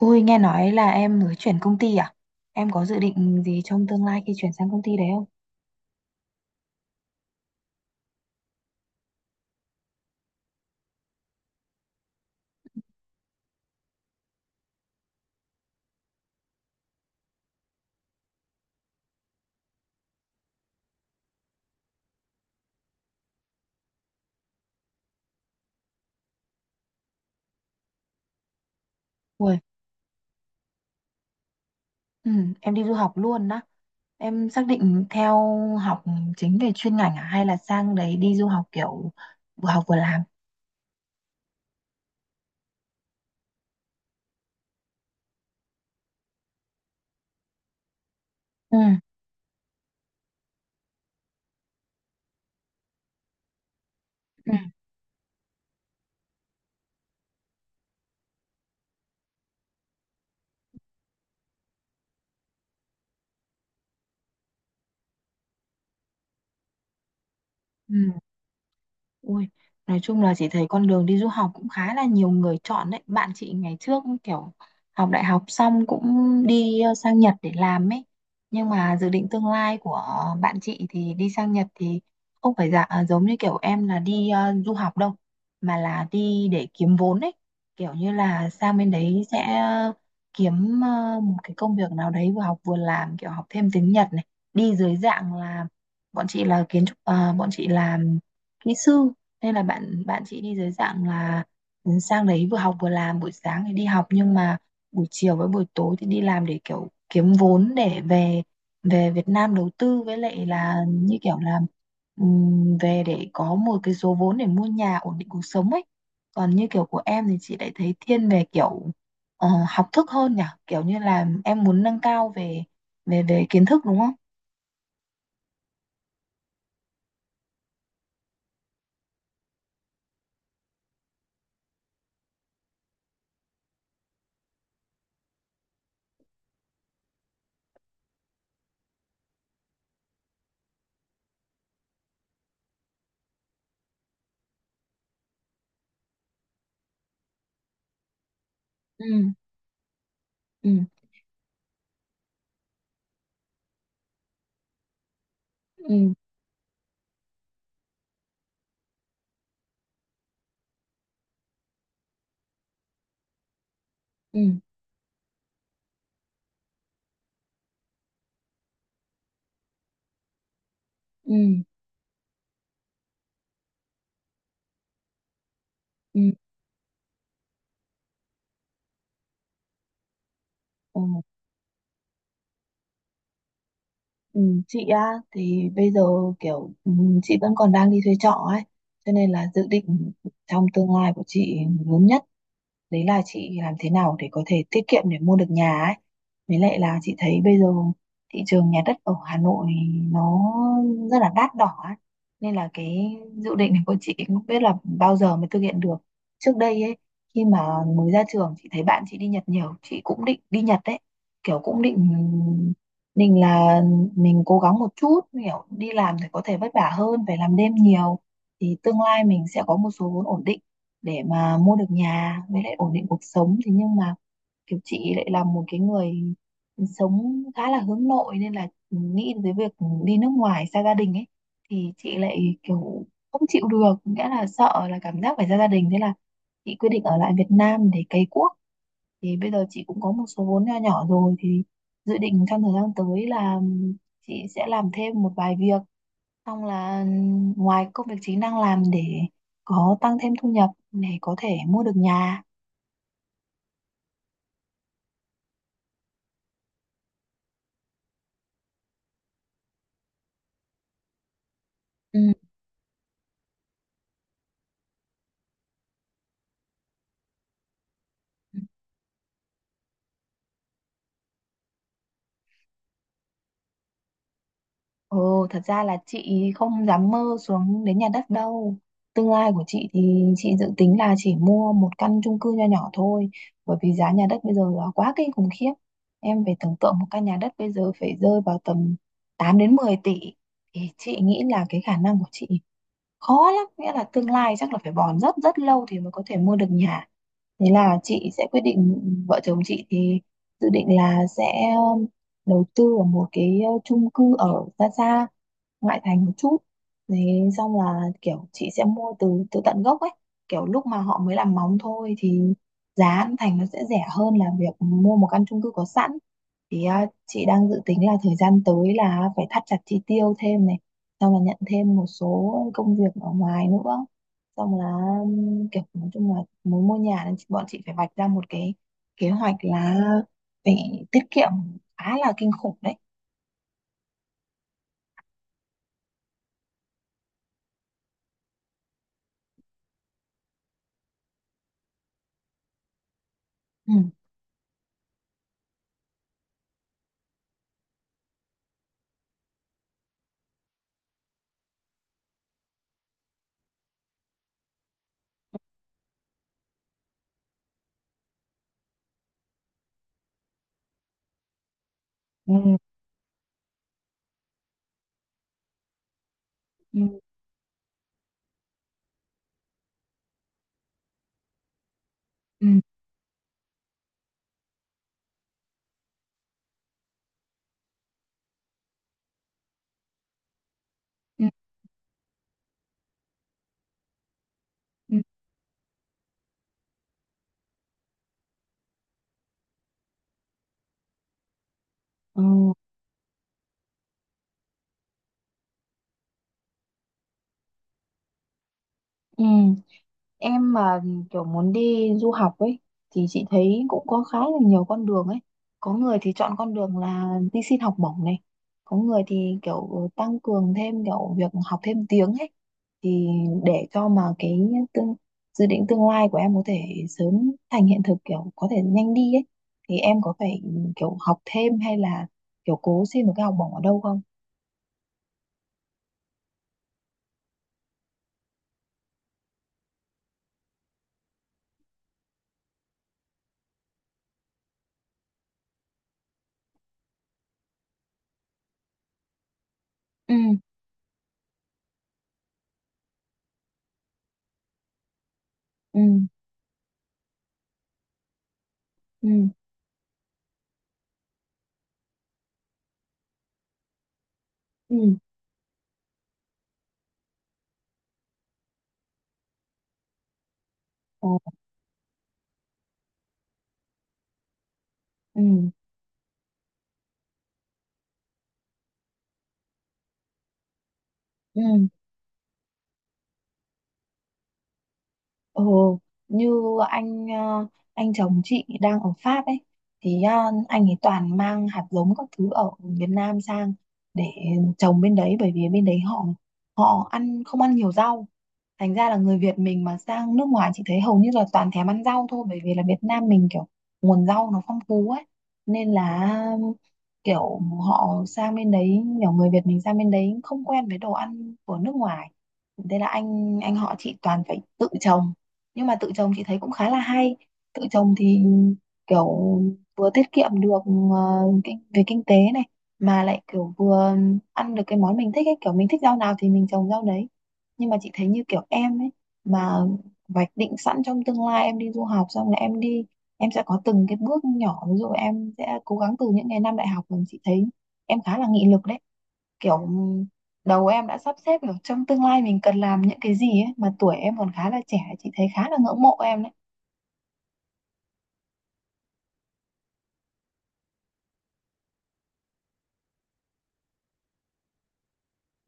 Ui, nghe nói là em mới chuyển công ty à? Em có dự định gì trong tương lai khi chuyển sang công ty đấy không? Ui, ừ, em đi du học luôn đó. Em xác định theo học chính về chuyên ngành à? Hay là sang đấy đi du học kiểu vừa học vừa làm? Ừ, ừ, ừ. Ui, nói chung là chị thấy con đường đi du học cũng khá là nhiều người chọn đấy. Bạn chị ngày trước kiểu học đại học xong cũng đi sang Nhật để làm ấy. Nhưng mà dự định tương lai của bạn chị thì đi sang Nhật thì không phải dạ à, giống như kiểu em là đi du học đâu, mà là đi để kiếm vốn ấy. Kiểu như là sang bên đấy sẽ kiếm một cái công việc nào đấy vừa học vừa làm, kiểu học thêm tiếng Nhật này. Đi dưới dạng là bọn chị là kiến trúc, bọn chị làm kỹ sư, nên là bạn bạn chị đi dưới dạng là sang đấy vừa học vừa làm, buổi sáng thì đi học nhưng mà buổi chiều với buổi tối thì đi làm để kiểu kiếm vốn để về về Việt Nam đầu tư, với lại là như kiểu là về để có một cái số vốn để mua nhà ổn định cuộc sống ấy. Còn như kiểu của em thì chị lại thấy thiên về kiểu học thức hơn nhỉ, kiểu như là em muốn nâng cao về về về kiến thức, đúng không? Ừ, ừ, ừ, ừ, ừ, ừ, ừ. Ừ, chị á thì bây giờ kiểu chị vẫn còn đang đi thuê trọ ấy, cho nên là dự định trong tương lai của chị lớn nhất đấy là chị làm thế nào để có thể tiết kiệm để mua được nhà ấy. Với lại là chị thấy bây giờ thị trường nhà đất ở Hà Nội nó rất là đắt đỏ ấy. Nên là cái dự định này của chị cũng không biết là bao giờ mới thực hiện được. Trước đây ấy, khi mà mới ra trường, chị thấy bạn chị đi Nhật nhiều, chị cũng định đi Nhật đấy, kiểu cũng định định là mình cố gắng một chút, kiểu đi làm thì có thể vất vả hơn, phải làm đêm nhiều thì tương lai mình sẽ có một số vốn ổn định để mà mua được nhà với lại ổn định cuộc sống. Thế nhưng mà kiểu chị lại là một cái người sống khá là hướng nội, nên là nghĩ tới việc đi nước ngoài xa gia đình ấy thì chị lại kiểu không chịu được, nghĩa là sợ là cảm giác phải xa gia đình. Thế là chị quyết định ở lại Việt Nam để cày cuốc. Thì bây giờ chị cũng có một số vốn nho nhỏ rồi thì dự định trong thời gian tới là chị sẽ làm thêm một vài việc. Xong là ngoài công việc chính đang làm để có tăng thêm thu nhập để có thể mua được nhà. Ừ. Ồ, thật ra là chị không dám mơ xuống đến nhà đất đâu. Tương lai của chị thì chị dự tính là chỉ mua một căn chung cư nho nhỏ thôi, bởi vì giá nhà đất bây giờ là quá kinh khủng khiếp. Em phải tưởng tượng một căn nhà đất bây giờ phải rơi vào tầm 8 đến 10 tỷ. Thì chị nghĩ là cái khả năng của chị khó lắm, nghĩa là tương lai chắc là phải bòn rất rất lâu thì mới có thể mua được nhà. Thế là chị sẽ quyết định, vợ chồng chị thì dự định là sẽ um, đầu tư ở một cái chung cư ở xa xa ngoại thành một chút đấy. Xong là kiểu chị sẽ mua từ từ tận gốc ấy, kiểu lúc mà họ mới làm móng thôi thì giá ăn thành nó sẽ rẻ hơn là việc mua một căn chung cư có sẵn. Thì chị đang dự tính là thời gian tới là phải thắt chặt chi tiêu thêm này, xong là nhận thêm một số công việc ở ngoài nữa, xong là kiểu nói chung là muốn mua nhà nên bọn chị phải vạch ra một cái kế hoạch là phải tiết kiệm khá là kinh khủng đấy. Ừ. Ừ. Ừ. Ừ. Ừ. Ừ, ừ. Em mà kiểu muốn đi du học ấy thì chị thấy cũng có khá là nhiều con đường ấy. Có người thì chọn con đường là đi xin học bổng này. Có người thì kiểu tăng cường thêm kiểu việc học thêm tiếng ấy, thì để cho mà cái tương, dự định tương lai của em có thể sớm thành hiện thực, kiểu có thể nhanh đi ấy, thì em có phải kiểu học thêm hay là kiểu cố xin một cái học bổng ở đâu không? Ừ, ừ, ừ, ừ, ồ, ừ, ừ. Ồ, như anh ờ, anh chồng chị đang ở Pháp ấy, thì anh ấy toàn mang hạt giống các thứ ở Việt Nam sang để trồng bên đấy, bởi vì bên đấy họ họ ăn không ăn nhiều rau. Thành ra là người Việt mình mà sang nước ngoài, chị thấy hầu như là toàn thèm ăn rau thôi, bởi vì là Việt Nam mình kiểu nguồn rau nó phong phú ấy. Nên là kiểu họ sang bên đấy, kiểu người Việt mình sang bên đấy không quen với đồ ăn của nước ngoài. Thế là anh họ chị toàn phải tự trồng, nhưng mà tự trồng chị thấy cũng khá là hay. Tự trồng thì kiểu vừa tiết kiệm được ờ, về kinh tế này, mà lại kiểu vừa ăn được cái món mình thích ấy, kiểu mình thích rau nào thì mình trồng rau đấy. Nhưng mà chị thấy như kiểu em ấy, mà vạch định sẵn trong tương lai em đi du học, xong là em đi em sẽ có từng cái bước nhỏ, ví dụ em sẽ cố gắng từ những ngày năm đại học mình, chị thấy em khá là nghị lực đấy, kiểu đầu em đã sắp xếp kiểu trong tương lai mình cần làm những cái gì ấy, mà tuổi em còn khá là trẻ, chị thấy khá là ngưỡng mộ em đấy.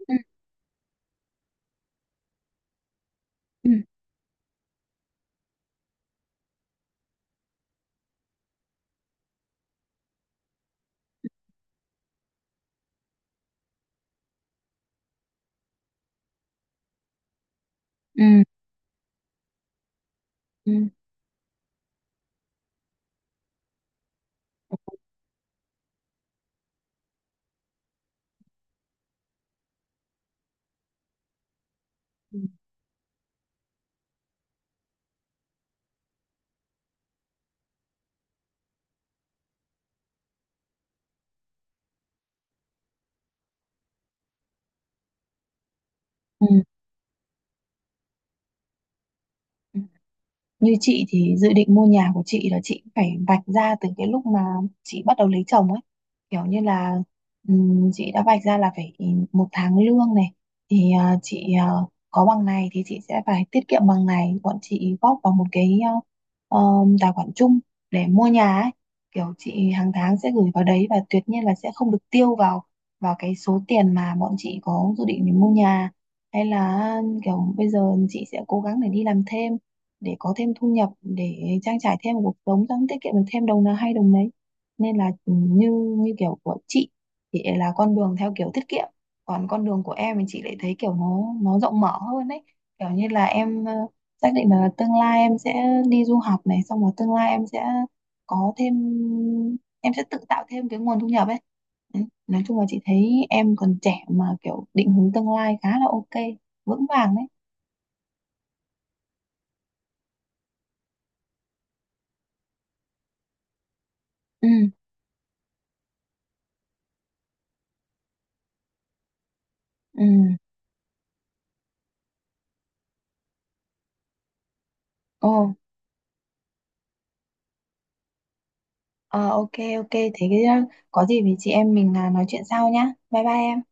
Ừ, ừ, ừ, ừ. Ừ. Ừ. Như chị thì dự định mua nhà của chị là chị phải vạch ra từ cái lúc mà chị bắt đầu lấy chồng ấy. Kiểu như là chị đã vạch ra là phải một tháng lương này thì chị có bằng này thì chị sẽ phải tiết kiệm bằng này, bọn chị góp vào một cái tài khoản chung để mua nhà ấy. Kiểu chị hàng tháng sẽ gửi vào đấy và tuyệt nhiên là sẽ không được tiêu vào vào cái số tiền mà bọn chị có dự định để mua nhà, hay là kiểu bây giờ chị sẽ cố gắng để đi làm thêm để có thêm thu nhập để trang trải thêm cuộc sống, tăng tiết kiệm được thêm đồng nào hay đồng đấy. Nên là như như kiểu của chị thì là con đường theo kiểu tiết kiệm, còn con đường của em thì chị lại thấy kiểu nó rộng mở hơn đấy, kiểu như là em xác định là tương lai em sẽ đi du học này, xong rồi tương lai em sẽ có thêm em sẽ tự tạo thêm cái nguồn thu nhập ấy. Đấy, nói chung là chị thấy em còn trẻ mà kiểu định hướng tương lai khá là ok, vững vàng đấy. Ừ, ừ. Ồ. Ờ, ok, ok, thế có gì thì chị em mình nói chuyện sau nhá. Bye bye em.